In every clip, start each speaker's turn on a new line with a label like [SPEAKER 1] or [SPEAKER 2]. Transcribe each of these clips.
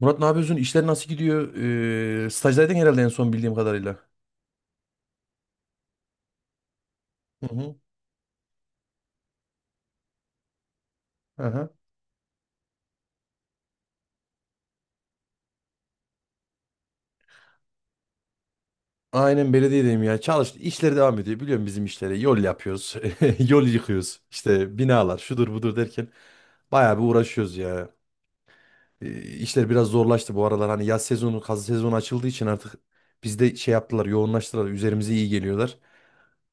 [SPEAKER 1] Murat ne yapıyorsun? İşler nasıl gidiyor? Stajdaydın herhalde en son bildiğim kadarıyla. Hı hı. Aha. Aynen belediyedeyim ya. Çalıştı. İşleri devam ediyor. Biliyorum bizim işleri. Yol yapıyoruz. Yol yıkıyoruz. İşte binalar şudur budur derken bayağı bir uğraşıyoruz ya. İşler biraz zorlaştı bu aralar. Hani yaz sezonu, kaz sezonu açıldığı için artık bizde şey yaptılar, yoğunlaştılar. Üzerimize iyi geliyorlar.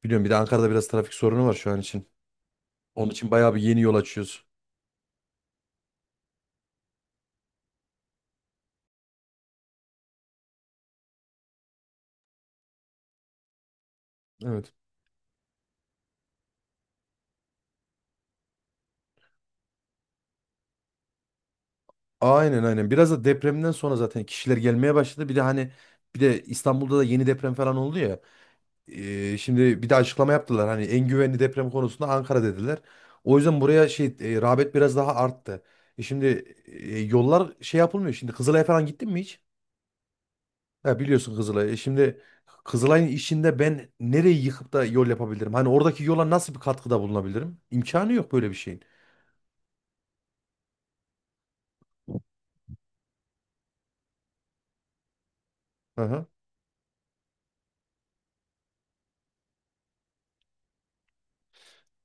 [SPEAKER 1] Biliyorum, bir de Ankara'da biraz trafik sorunu var şu an için. Onun için bayağı bir yeni yol açıyoruz. Evet. Aynen aynen. Biraz da depremden sonra zaten kişiler gelmeye başladı. Bir de hani, bir de İstanbul'da da yeni deprem falan oldu ya. Şimdi bir de açıklama yaptılar. Hani en güvenli deprem konusunda Ankara dediler. O yüzden buraya şey rağbet biraz daha arttı. Şimdi yollar şey yapılmıyor. Şimdi Kızılay'a falan gittin mi hiç? Ha, biliyorsun Kızılay'ı. Şimdi Kızılay'ın içinde ben nereyi yıkıp da yol yapabilirim? Hani oradaki yola nasıl bir katkıda bulunabilirim? İmkanı yok böyle bir şeyin. Aha.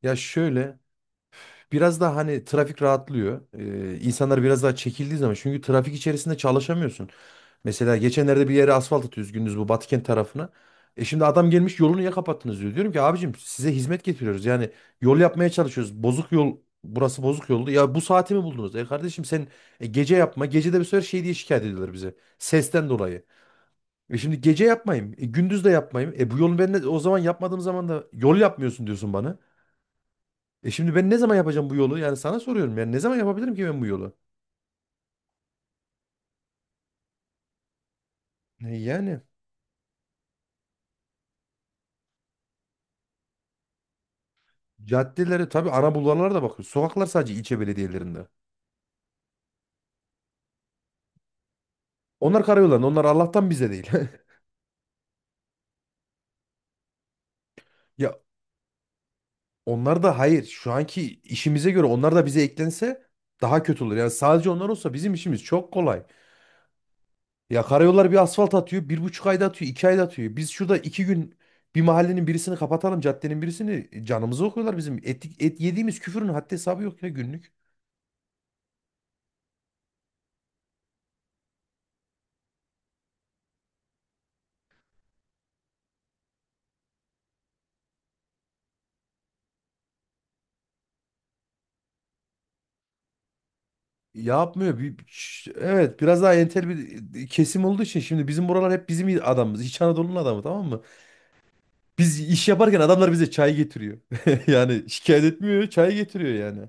[SPEAKER 1] Ya şöyle, biraz daha hani trafik rahatlıyor. İnsanlar biraz daha çekildiği zaman, çünkü trafik içerisinde çalışamıyorsun. Mesela geçenlerde bir yere asfalt atıyoruz gündüz, bu Batıkent tarafına. Şimdi adam gelmiş, yolunu niye kapattınız diyor. Diyorum ki abicim, size hizmet getiriyoruz. Yani yol yapmaya çalışıyoruz. Bozuk yol, burası bozuk yoldu. Ya bu saati mi buldunuz? Kardeşim sen gece yapma. Gece de bir sefer şey diye şikayet ediyorlar bize. Sesten dolayı. Şimdi gece yapmayayım. Gündüz de yapmayayım. Bu yolu ben de o zaman yapmadığım zaman da yol yapmıyorsun diyorsun bana. Şimdi ben ne zaman yapacağım bu yolu? Yani sana soruyorum. Yani ne zaman yapabilirim ki ben bu yolu? Yani caddeleri tabii, ana bulvarlara da bakıyor. Sokaklar sadece ilçe belediyelerinde. Onlar karayollarında. Onlar Allah'tan bize değil. Ya onlar da hayır. Şu anki işimize göre onlar da bize eklense daha kötü olur. Yani sadece onlar olsa bizim işimiz çok kolay. Ya karayollar bir asfalt atıyor. 1,5 ayda atıyor. 2 ayda atıyor. Biz şurada 2 gün bir mahallenin birisini kapatalım, caddenin birisini, canımızı okuyorlar bizim. Et yediğimiz küfürün haddi hesabı yok ya günlük. Yapmıyor. Evet biraz daha entel bir kesim olduğu için şimdi, bizim buralar hep bizim adamımız. İç Anadolu'nun adamı, tamam mı? Biz iş yaparken adamlar bize çay getiriyor. Yani şikayet etmiyor, çay getiriyor yani.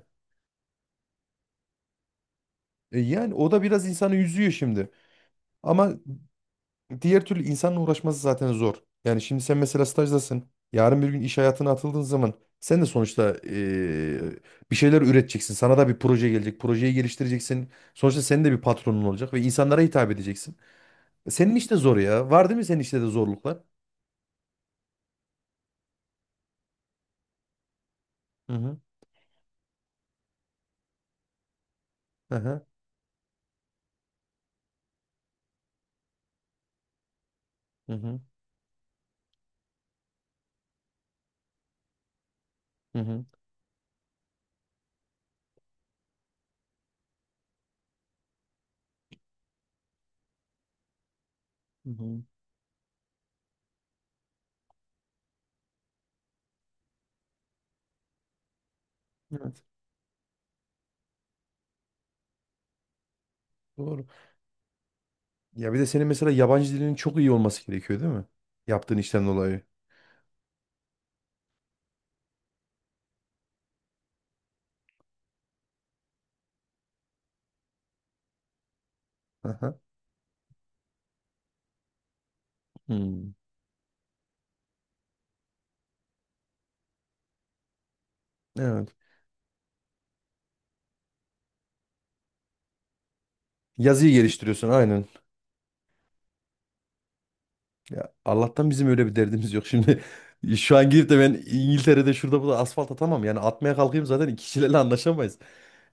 [SPEAKER 1] Yani o da biraz insanı üzüyor şimdi. Ama diğer türlü insanla uğraşması zaten zor. Yani şimdi sen mesela stajdasın. Yarın bir gün iş hayatına atıldığın zaman sen de sonuçta bir şeyler üreteceksin. Sana da bir proje gelecek. Projeyi geliştireceksin. Sonuçta senin de bir patronun olacak ve insanlara hitap edeceksin. Senin işte zor ya. Var değil mi senin işte de zorluklar? Hı hı. Aha. Hı hı. Hı hı. Hı hı. Hı. Evet. Doğru. Ya bir de senin mesela yabancı dilinin çok iyi olması gerekiyor değil mi? Yaptığın işten dolayı. Aha. Hmm. Evet. Yazıyı geliştiriyorsun aynen. Ya Allah'tan bizim öyle bir derdimiz yok. Şimdi şu an gidip de ben İngiltere'de şurada burada asfalt atamam. Yani atmaya kalkayım zaten kişilerle anlaşamayız.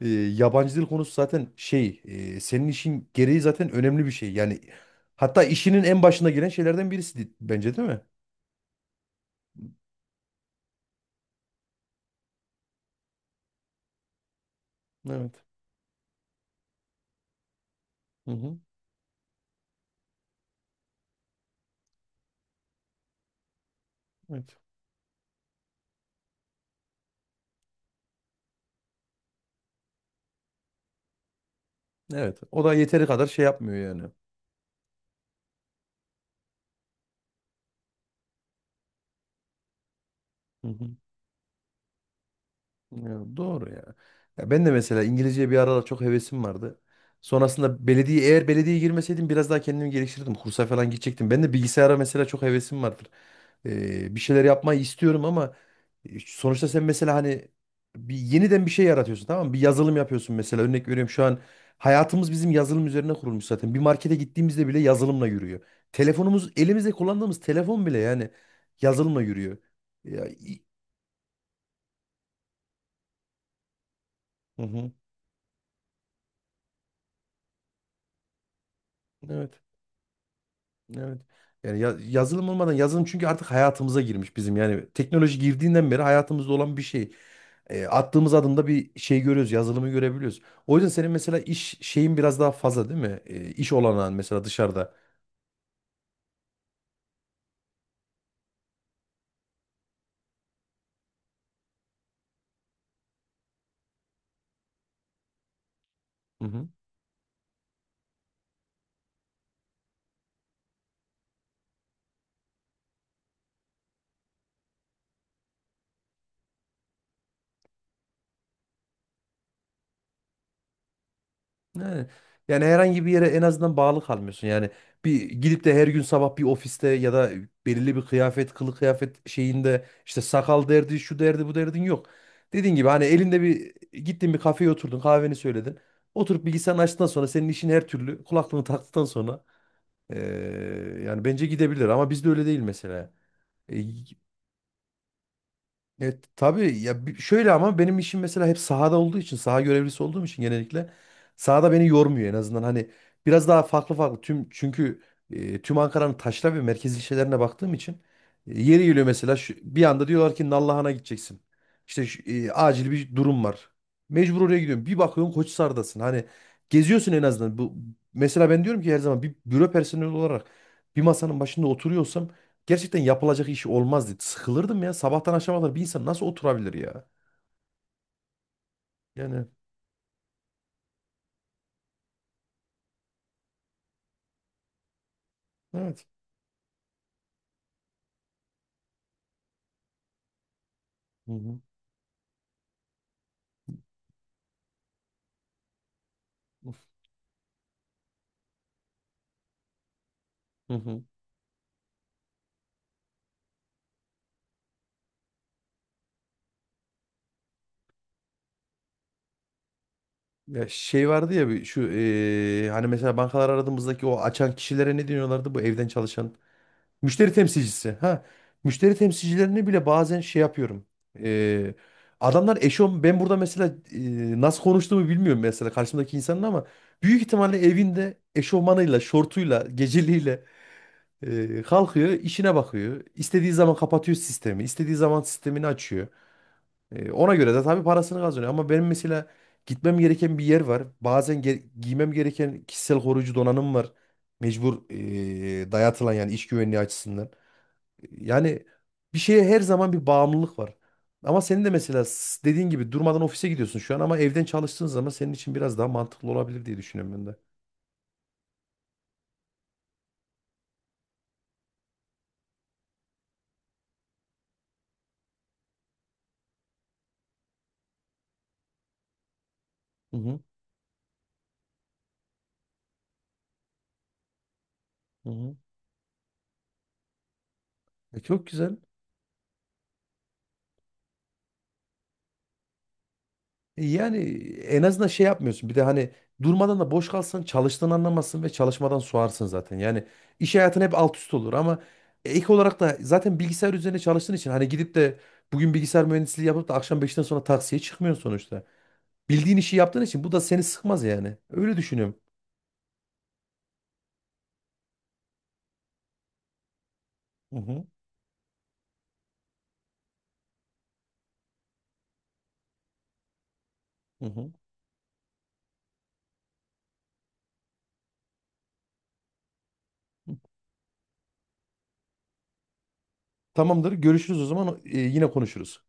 [SPEAKER 1] Yabancı dil konusu zaten şey senin işin gereği zaten önemli bir şey. Yani hatta işinin en başına gelen şeylerden birisi bence, değil mi? Evet. Hı hı. Evet. Evet. O da yeteri kadar şey yapmıyor yani. Ya doğru ya. Ya ben de mesela İngilizceye bir aralar çok hevesim vardı. Sonrasında belediye, eğer belediyeye girmeseydim biraz daha kendimi geliştirirdim. Kursa falan gidecektim. Ben de bilgisayara mesela çok hevesim vardır. Bir şeyler yapmayı istiyorum ama sonuçta sen mesela hani bir yeniden bir şey yaratıyorsun, tamam mı? Bir yazılım yapıyorsun mesela, örnek veriyorum, şu an hayatımız bizim yazılım üzerine kurulmuş zaten. Bir markete gittiğimizde bile yazılımla yürüyor. Telefonumuz, elimizde kullandığımız telefon bile yani yazılımla yürüyor. Ya, hı hı. Evet. Evet. Yani yazılım olmadan, yazılım çünkü artık hayatımıza girmiş bizim. Yani teknoloji girdiğinden beri hayatımızda olan bir şey. Attığımız adımda bir şey görüyoruz, yazılımı görebiliyoruz. O yüzden senin mesela iş şeyin biraz daha fazla değil mi? İş olanağın mesela dışarıda. Yani, yani herhangi bir yere en azından bağlı kalmıyorsun. Yani bir gidip de her gün sabah bir ofiste, ya da belirli bir kılı kıyafet şeyinde işte sakal derdi, şu derdi, bu derdin yok. Dediğin gibi hani elinde bir gittin bir kafeye oturdun, kahveni söyledin. Oturup bilgisayarını açtıktan sonra senin işin her türlü, kulaklığını taktıktan sonra yani bence gidebilir, ama bizde öyle değil mesela. E, Evet tabii ya, şöyle, ama benim işim mesela hep sahada olduğu için, saha görevlisi olduğum için, genellikle sahada beni yormuyor en azından. Hani biraz daha farklı farklı, çünkü tüm Ankara'nın taşra ve merkez ilçelerine baktığım için, yeri geliyor mesela, bir anda diyorlar ki Nallıhan'a gideceksin. İşte acil bir durum var. Mecbur oraya gidiyorum. Bir bakıyorsun Koçhisar'dasın. Hani geziyorsun en azından. Bu mesela, ben diyorum ki her zaman bir büro personeli olarak bir masanın başında oturuyorsam gerçekten yapılacak iş olmazdı. Sıkılırdım ya. Sabahtan akşama kadar bir insan nasıl oturabilir ya? Yani evet. Hı hı. Hı hı. Ya şey vardı ya, bir şu hani mesela bankalar aradığımızdaki o açan kişilere ne diyorlardı, bu evden çalışan müşteri temsilcisi. Ha, müşteri temsilcilerini bile bazen şey yapıyorum. Eee, Adamlar eşofman, ben burada mesela nasıl konuştuğumu bilmiyorum mesela karşımdaki insanın, ama büyük ihtimalle evinde eşofmanıyla, şortuyla, geceliğiyle kalkıyor, işine bakıyor. İstediği zaman kapatıyor sistemi. İstediği zaman sistemini açıyor. Ona göre de tabii parasını kazanıyor. Ama benim mesela gitmem gereken bir yer var. Bazen giymem gereken kişisel koruyucu donanım var. Mecbur dayatılan, yani iş güvenliği açısından. Yani bir şeye her zaman bir bağımlılık var. Ama senin de mesela, dediğin gibi durmadan ofise gidiyorsun şu an, ama evden çalıştığın zaman senin için biraz daha mantıklı olabilir diye düşünüyorum ben de. Hı hı, hı hı. Çok güzel. Yani en azından şey yapmıyorsun. Bir de hani durmadan da boş kalsan çalıştığını anlamazsın ve çalışmadan soğarsın zaten. Yani iş hayatın hep alt üst olur, ama ek olarak da zaten bilgisayar üzerine çalıştığın için, hani gidip de bugün bilgisayar mühendisliği yapıp da akşam 5'ten sonra taksiye çıkmıyorsun sonuçta. Bildiğin işi yaptığın için bu da seni sıkmaz yani. Öyle düşünüyorum. Hı hı, hı hı. Tamamdır. Görüşürüz o zaman. Yine konuşuruz.